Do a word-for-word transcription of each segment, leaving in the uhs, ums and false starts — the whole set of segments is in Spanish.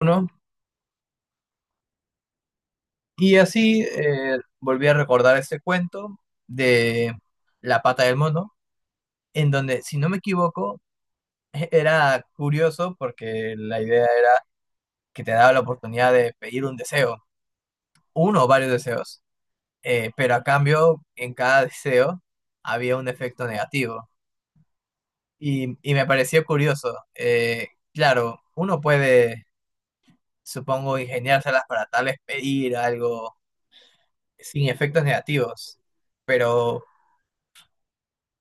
Uno. Y así eh, volví a recordar ese cuento de La pata del mono, en donde, si no me equivoco, e- era curioso porque la idea era que te daba la oportunidad de pedir un deseo, uno o varios deseos, eh, pero a cambio en cada deseo había un efecto negativo. Y, y me pareció curioso. Claro, uno puede, supongo, ingeniárselas para tal vez pedir algo sin efectos negativos, pero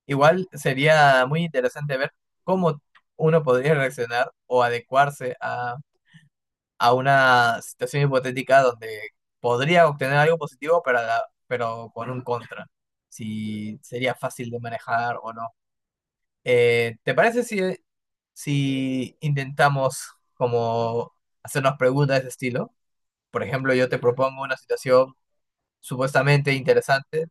igual sería muy interesante ver cómo uno podría reaccionar o adecuarse a, a una situación hipotética donde podría obtener algo positivo, pero, a la- pero con un contra. Si sería fácil de manejar o no. Eh, ¿te parece si, si intentamos como hacernos preguntas de ese estilo? Por ejemplo, yo te propongo una situación supuestamente interesante,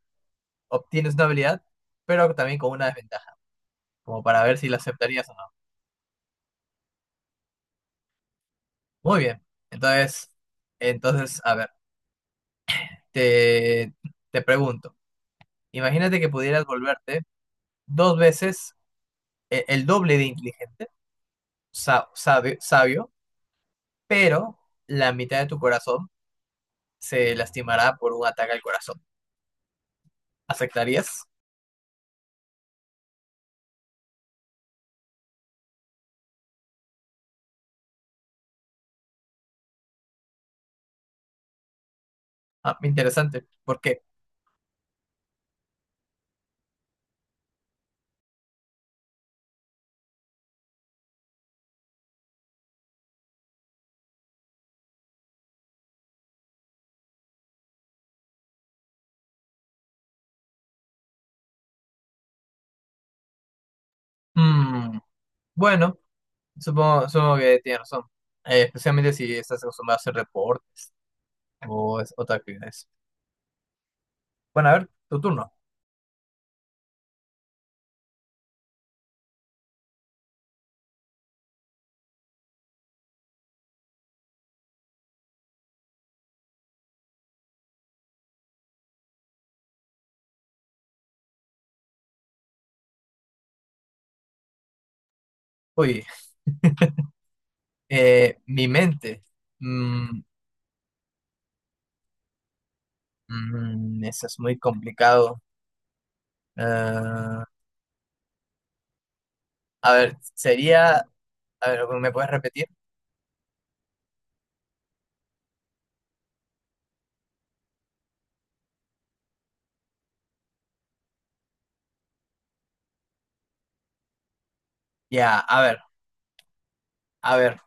obtienes una habilidad, pero también con una desventaja, como para ver si la aceptarías o no. Muy bien. Entonces, a ver, te, te pregunto, imagínate que pudieras volverte dos veces e- el, doble de inteligente, sa- sabe- sabio, pero la mitad de tu corazón se lastimará por un ataque al corazón. ¿Aceptarías? Ah, interesante. ¿Por qué? Mm, bueno, supongo, supongo que tienes razón. Eh, especialmente si estás acostumbrado a hacer deporte o es otra actividad. Bueno, a ver, tu turno. Uy, mi mente. Mm, mm, Eso es muy complicado. Ah, a ver, sería, a ver, ¿me puedes repetir? Ya, a ver, a ver,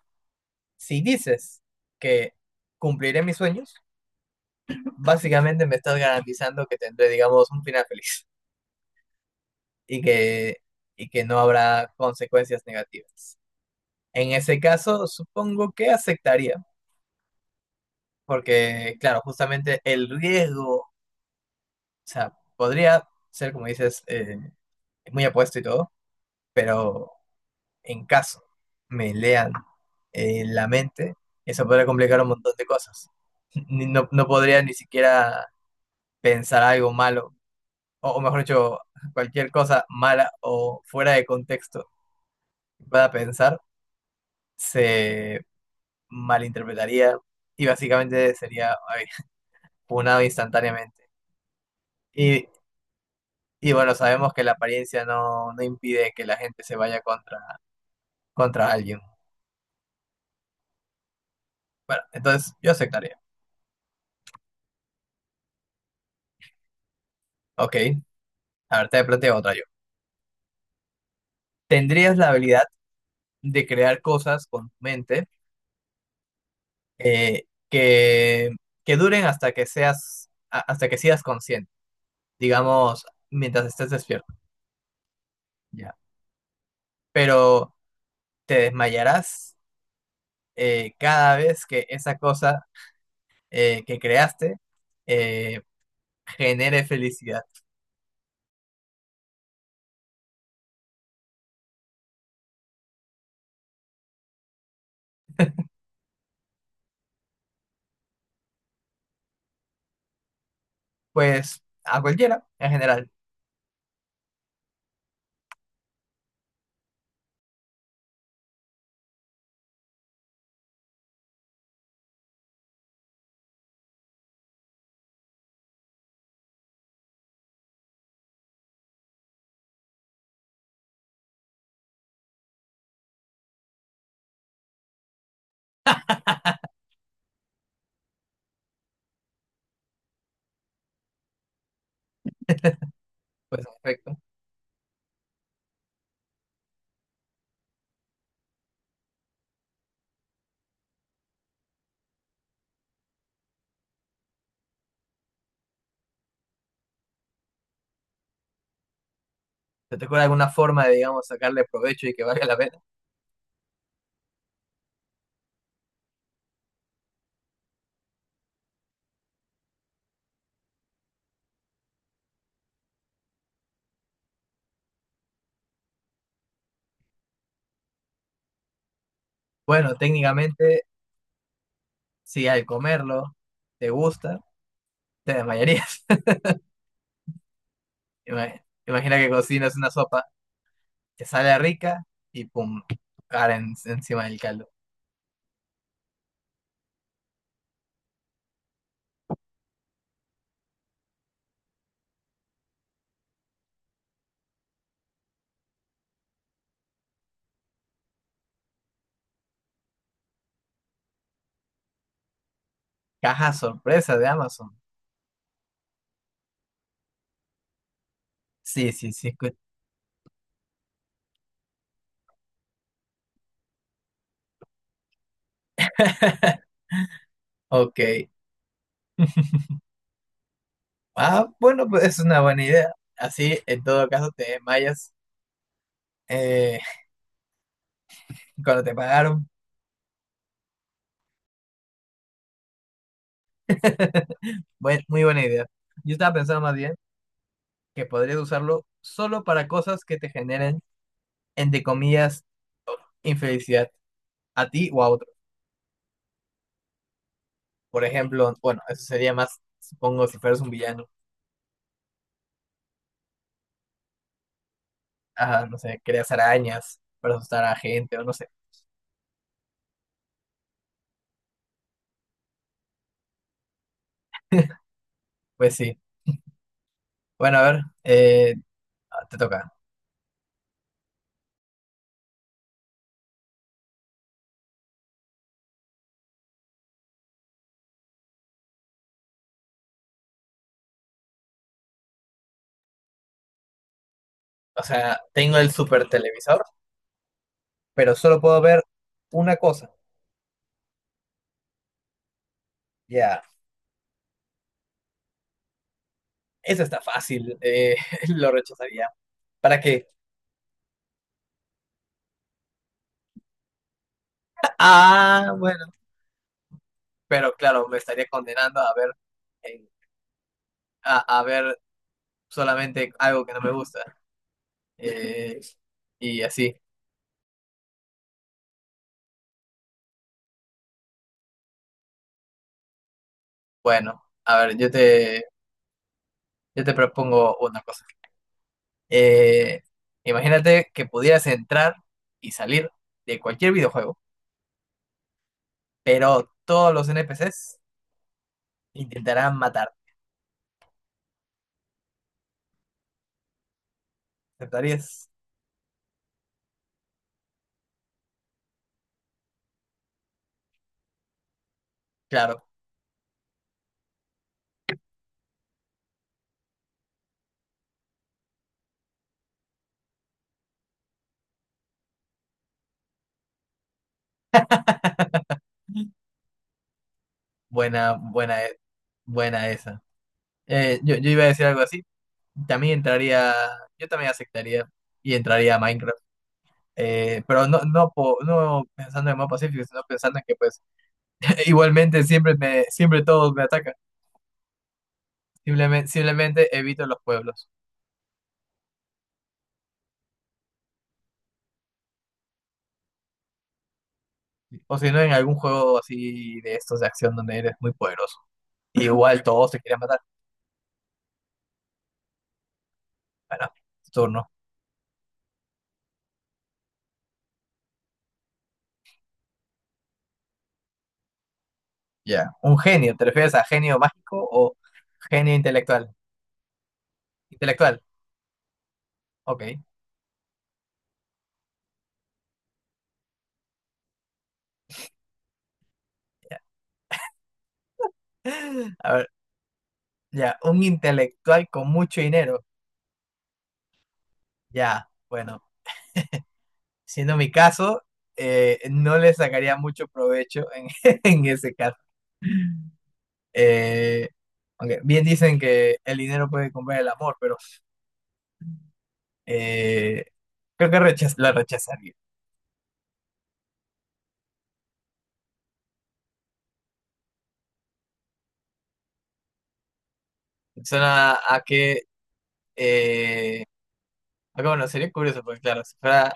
si dices que cumpliré mis sueños, básicamente me estás garantizando que tendré, digamos, un final feliz y que, y que no habrá consecuencias negativas. En ese caso, supongo que aceptaría, porque, claro, justamente el riesgo, o sea, podría ser, como dices, eh, muy apuesto y todo, pero en caso me lean eh, la mente, eso podría complicar un montón de cosas. Ni- No, no podría ni siquiera pensar algo malo, o, o mejor dicho, cualquier cosa mala o fuera de contexto que pueda pensar, se malinterpretaría y básicamente sería ay, punado instantáneamente. Y, y bueno, sabemos que la apariencia no, no impide que la gente se vaya contra, contra alguien. Bueno, entonces yo aceptaría. Ok, a ver, te planteo otra yo. ¿Tendrías la habilidad de crear cosas con tu mente eh, que, que duren hasta que seas, a- hasta que seas consciente, digamos, mientras estés despierto, ya. Pero te desmayarás eh, cada vez que esa cosa eh, que creaste eh, genere felicidad. A cualquiera, en general. Perfecto. ¿Recuerda alguna forma de, digamos, sacarle provecho y que valga la pena? Pero técnicamente, si al comerlo te gusta, te desmayarías. Ima- Imagina que cocinas que sale rica y pum, cara en- encima del caldo. Caja sorpresa de Amazon. Sí, sí. Ok. Bueno, pues es una buena idea. Así, en todo caso, te desmayas eh, cuando te pagaron. Buen- muy buena idea. Yo estaba pensando más bien que podrías usarlo solo para cosas que te generen, entre comillas, infelicidad a ti o a otro. Por ejemplo, bueno, eso sería más, supongo, si fueras un villano, que creas arañas para asustar a gente o no sé. Pues sí. Bueno, a ver, eh, te toca. O sea, tengo el super televisor, pero solo puedo ver una cosa. Ya, eso está fácil. Eh, lo rechazaría. ¿Para qué? Ah, bueno. Pero claro, me estaría condenando a ver, eh, a ver solamente algo que no me gusta. Eh, y así. Bueno, a ver, yo te, yo te propongo una cosa. Eh, Imagínate que pudieras entrar y salir de cualquier videojuego, pero todos los N P C s intentarán matarte. ¿Aceptarías? Buena, buena e- esa. Eh, yo, yo iba a decir algo así. También entraría, yo también aceptaría y entraría a Minecraft. Eh, pero no, no, po- no pensando en el modo pacífico, sino pensando en que pues igualmente siempre me, siempre todos me atacan. Simplemente, simplemente en los pueblos. O si no, en algún juego así de estos de acción donde eres muy poderoso. Igual todos te quieren matar. Bueno, tu turno. Ya. Un genio, ¿te refieres a genio mágico o genio intelectual? A ver, ya, un intelectual con mucho dinero. Ya, bueno, siendo mi caso, eh, no le sacaría mucho provecho en, en ese caso. Eh, Aunque bien dicen que el dinero puede comprar el amor, pero eh, creo que rechaz la rechazar. Suena a que, eh, a que, bueno, sería curioso, porque claro, si fuera,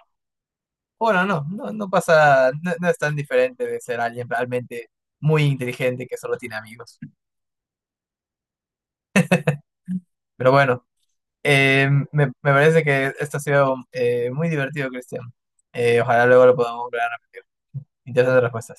bueno, no, no, no pasa, no, no es tan diferente de ser alguien realmente muy inteligente que solo tiene amigos. Pero bueno. Eh, me, me parece que esto ha sido eh, muy divertido, Cristian. Eh, ojalá luego lo podamos lograr. Interesante respuesta.